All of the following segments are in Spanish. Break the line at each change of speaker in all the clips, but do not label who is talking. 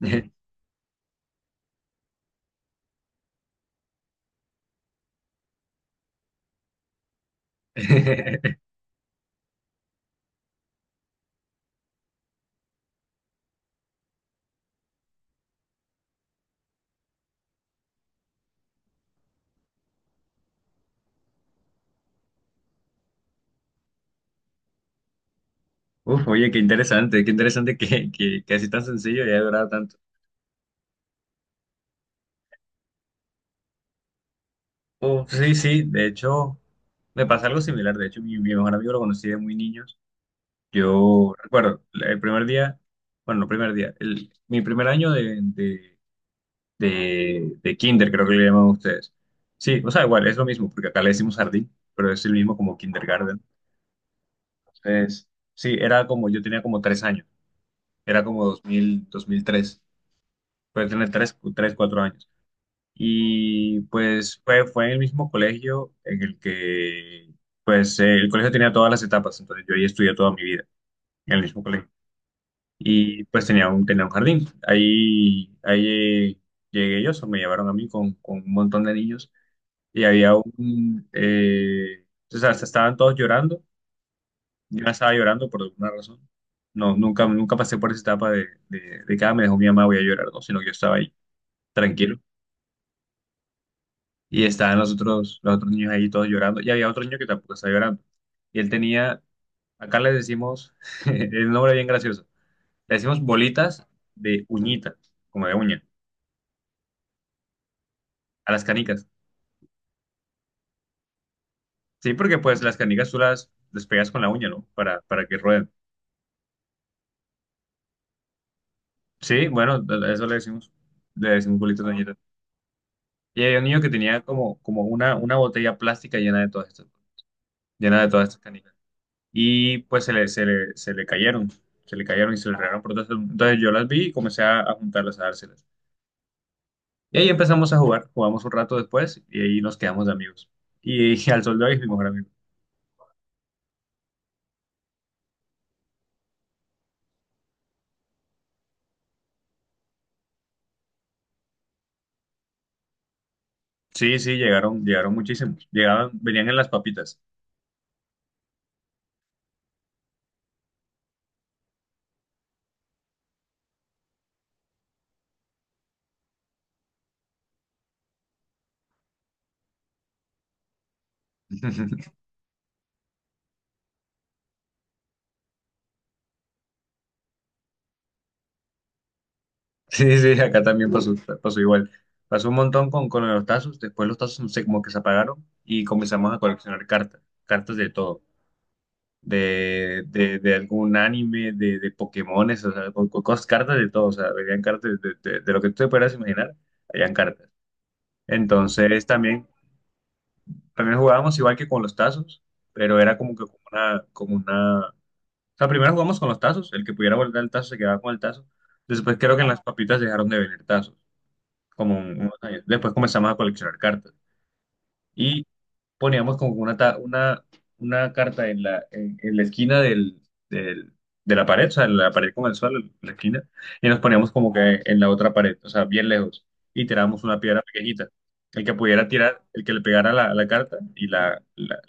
Uf, oye, qué interesante que así tan sencillo y haya durado tanto. Uf, sí, sí, de hecho, me pasa algo similar. De hecho, mi mejor amigo lo conocí de muy niños. Yo recuerdo el primer día, bueno, no primer día, el, mi primer año de kinder, creo que le llaman ustedes. Sí, o sea, igual, es lo mismo, porque acá le decimos jardín, pero es el mismo como kindergarten. Entonces, sí, era como, yo tenía como tres años, era como 2000, 2003, puede tener tres, tres, cuatro años. Y pues fue en el mismo colegio en el que, pues el colegio tenía todas las etapas, entonces yo ahí estudié toda mi vida en el mismo colegio. Y pues tenía un jardín. Ahí, ahí eh, llegué yo, o sea, me llevaron a mí con un montón de niños y había un, o sea, estaban todos llorando, yo no estaba llorando por alguna razón. No, nunca, nunca pasé por esa etapa de que "Ah, me dejó mi mamá, voy a llorar, no", sino que yo estaba ahí tranquilo. Y estaban los otros niños ahí todos llorando, y había otro niño que tampoco estaba llorando. Y él tenía, acá le decimos, el nombre bien gracioso, le decimos bolitas de uñita, como de uña, a las canicas. Sí, porque pues las canicas tú las, despegas con la uña, ¿no? Para que rueden. Sí, bueno, a eso le decimos bolitas de uñita. Y había un niño que tenía como, como una botella plástica llena de todas estas, llena de todas estas canicas. Y pues se le cayeron, se le cayeron y se le regaron por todas- Entonces yo las vi y comencé a juntarlas, a dárselas. Y ahí empezamos a jugar, jugamos un rato después y ahí nos quedamos de amigos. Y, al sol de hoy es mi mejor amigo. Sí, sí, llegaron, llegaron muchísimos. Llegaban, venían en las papitas. Sí, sí, acá también pasó, pasó igual. Pasó un montón con los tazos, después los tazos no sé, como que se apagaron y comenzamos a coleccionar cartas, cartas de todo. De algún anime, de Pokémones, o sea, con co- cosas, cartas de todo, o sea, habían cartas de lo que tú te puedas imaginar, habían cartas. Entonces también, también jugábamos igual que con los tazos, pero era como que como una, o sea, primero jugamos con los tazos, el que pudiera volver el tazo se quedaba con el tazo, después creo que en las papitas dejaron de venir tazos, como un- unos años, después comenzamos a coleccionar cartas. Y poníamos como una, ta- una carta en la esquina del, del- de la pared, o sea, en la pared con el suelo, en la esquina, y nos poníamos como que en la otra pared, o sea, bien lejos, y tirábamos una piedra pequeñita. El que pudiera tirar, el que le pegara la, la carta y la-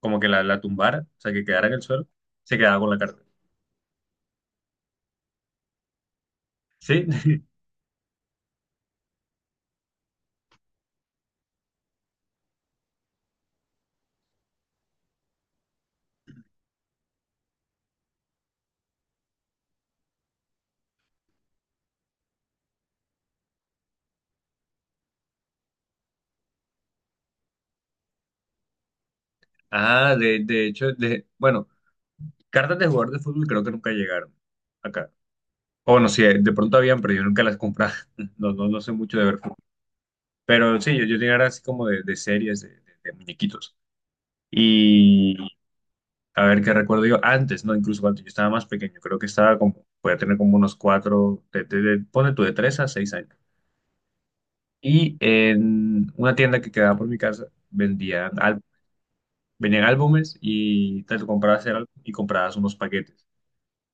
como que la tumbara, o sea, que quedara en el suelo, se quedaba con la carta. ¿Sí? Ah, de hecho, de, bueno, cartas de jugador de fútbol creo que nunca llegaron acá. O bueno, sí, de pronto habían, pero yo nunca las compraba. No, no, no sé mucho de ver. Pero sí, yo tenía era así como de series, de muñequitos. Y a ver qué recuerdo yo antes, ¿no? Incluso cuando yo estaba más pequeño, creo que estaba como, podía tener como unos cuatro, ponle tú de tres a 6 años. Y en una tienda que quedaba por mi casa vendían, al- venían álbumes y te lo comprabas el álbum y comprabas unos paquetes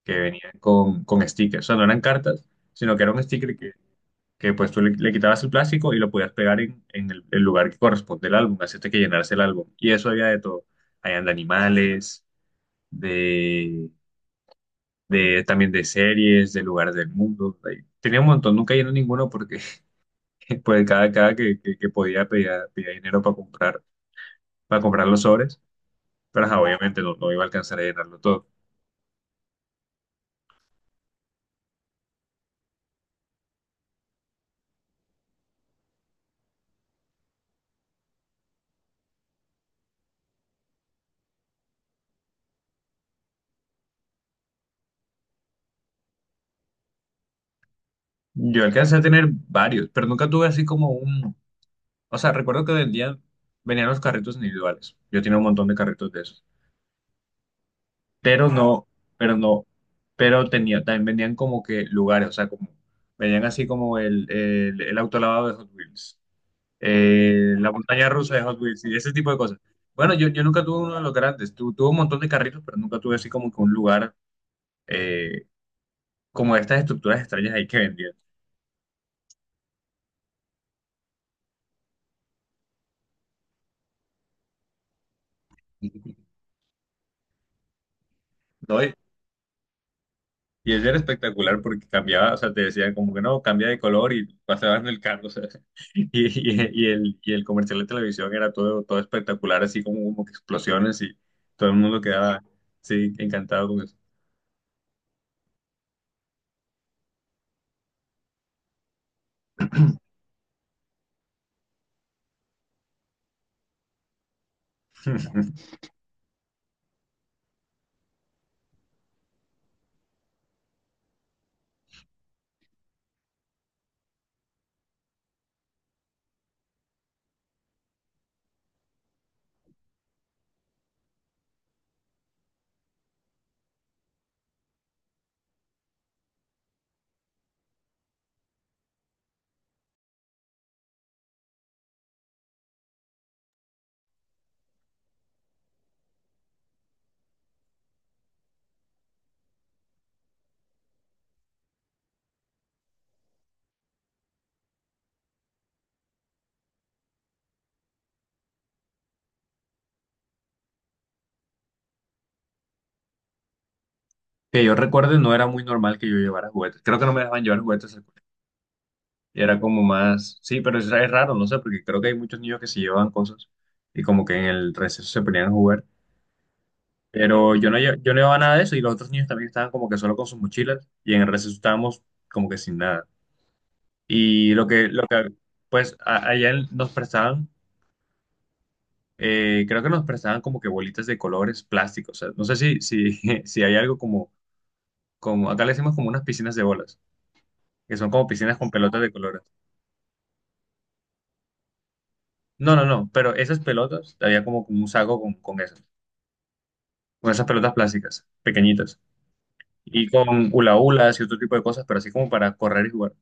que venían con stickers. O sea, no eran cartas, sino que era un sticker que pues tú le, le quitabas el plástico y lo podías pegar en el lugar que corresponde al álbum, hacerte que llenarse el álbum. Y eso había de todo. Habían de animales, de, de también de series, de lugares del mundo. Ahí tenía un montón, nunca llené ninguno porque pues cada, cada que podía pedía, pedía dinero para comprar los sobres, pero ajá, obviamente no, no iba a alcanzar a llenarlo todo. Yo alcancé a tener varios, pero nunca tuve así como un... O sea, recuerdo que vendían, venían los carritos individuales. Yo tenía un montón de carritos de esos, pero no, pero no, pero tenía, también vendían como que lugares, o sea, como, vendían así como el auto lavado de Hot Wheels, la montaña rusa de Hot Wheels y ese tipo de cosas. Bueno, yo nunca tuve uno de los grandes, tu, tuve un montón de carritos, pero nunca tuve así como que un lugar, eh, como estas estructuras extrañas ahí que vendían. ¿No? Y ese era espectacular porque cambiaba, o sea, te decían como que no, cambia de color y pasaban el carro, o sea, y el, y el comercial de televisión era todo, todo espectacular, así como, como que explosiones y todo el mundo quedaba, sí, encantado con eso. Que yo recuerde, no era muy normal que yo llevara juguetes. Creo que no me dejaban llevar juguetes al colegio. Y era como más, sí, pero es raro, no sé, porque creo que hay muchos niños que se llevan cosas y como que en el receso se ponían a jugar. Pero yo no, lle- yo no llevaba nada de eso y los otros niños también estaban como que solo con sus mochilas y en el receso estábamos como que sin nada. Y lo que pues a- allá en- nos prestaban, creo que nos prestaban como que bolitas de colores plásticos. O sea, no sé si hay algo como, como, acá le decimos como unas piscinas de bolas, que son como piscinas con pelotas de colores. No, no, no, pero esas pelotas, había como un saco con esas pelotas plásticas, pequeñitas. Y con hula hulas y otro tipo de cosas, pero así como para correr y jugar.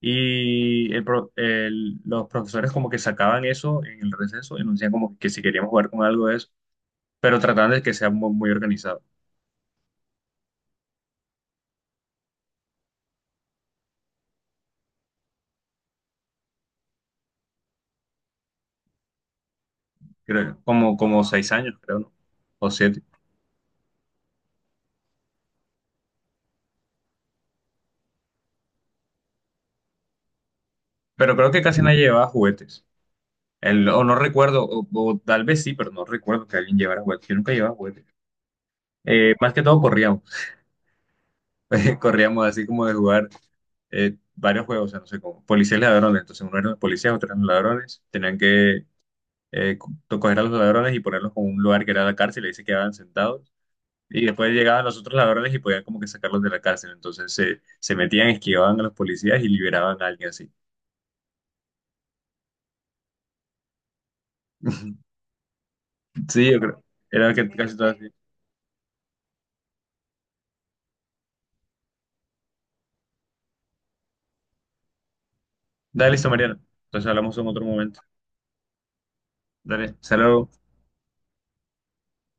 Y el pro- el- los profesores como que sacaban eso en el receso y nos decían como que si queríamos jugar con algo de eso, pero trataban de que sea muy, muy organizado. Creo, como, como 6 años, creo, ¿no? O siete. Pero creo que casi nadie llevaba juguetes. El- o no recuerdo, o tal vez sí, pero no recuerdo que alguien llevara juguetes. Yo nunca llevaba juguetes. Más que todo corríamos. Corríamos así como de jugar varios juegos, o sea, no sé, como policías y ladrones. Entonces uno era policías, otro eran ladrones. Tenían que eh, co- coger a los ladrones y ponerlos en un lugar que era la cárcel, y ahí se quedaban sentados. Y después llegaban los otros ladrones y podían como que sacarlos de la cárcel. Entonces se metían, esquivaban a los policías y liberaban a alguien así. Sí, yo creo. Era que casi todo así. Dale, listo, Mariana. Entonces hablamos en otro momento. Dale, saludos.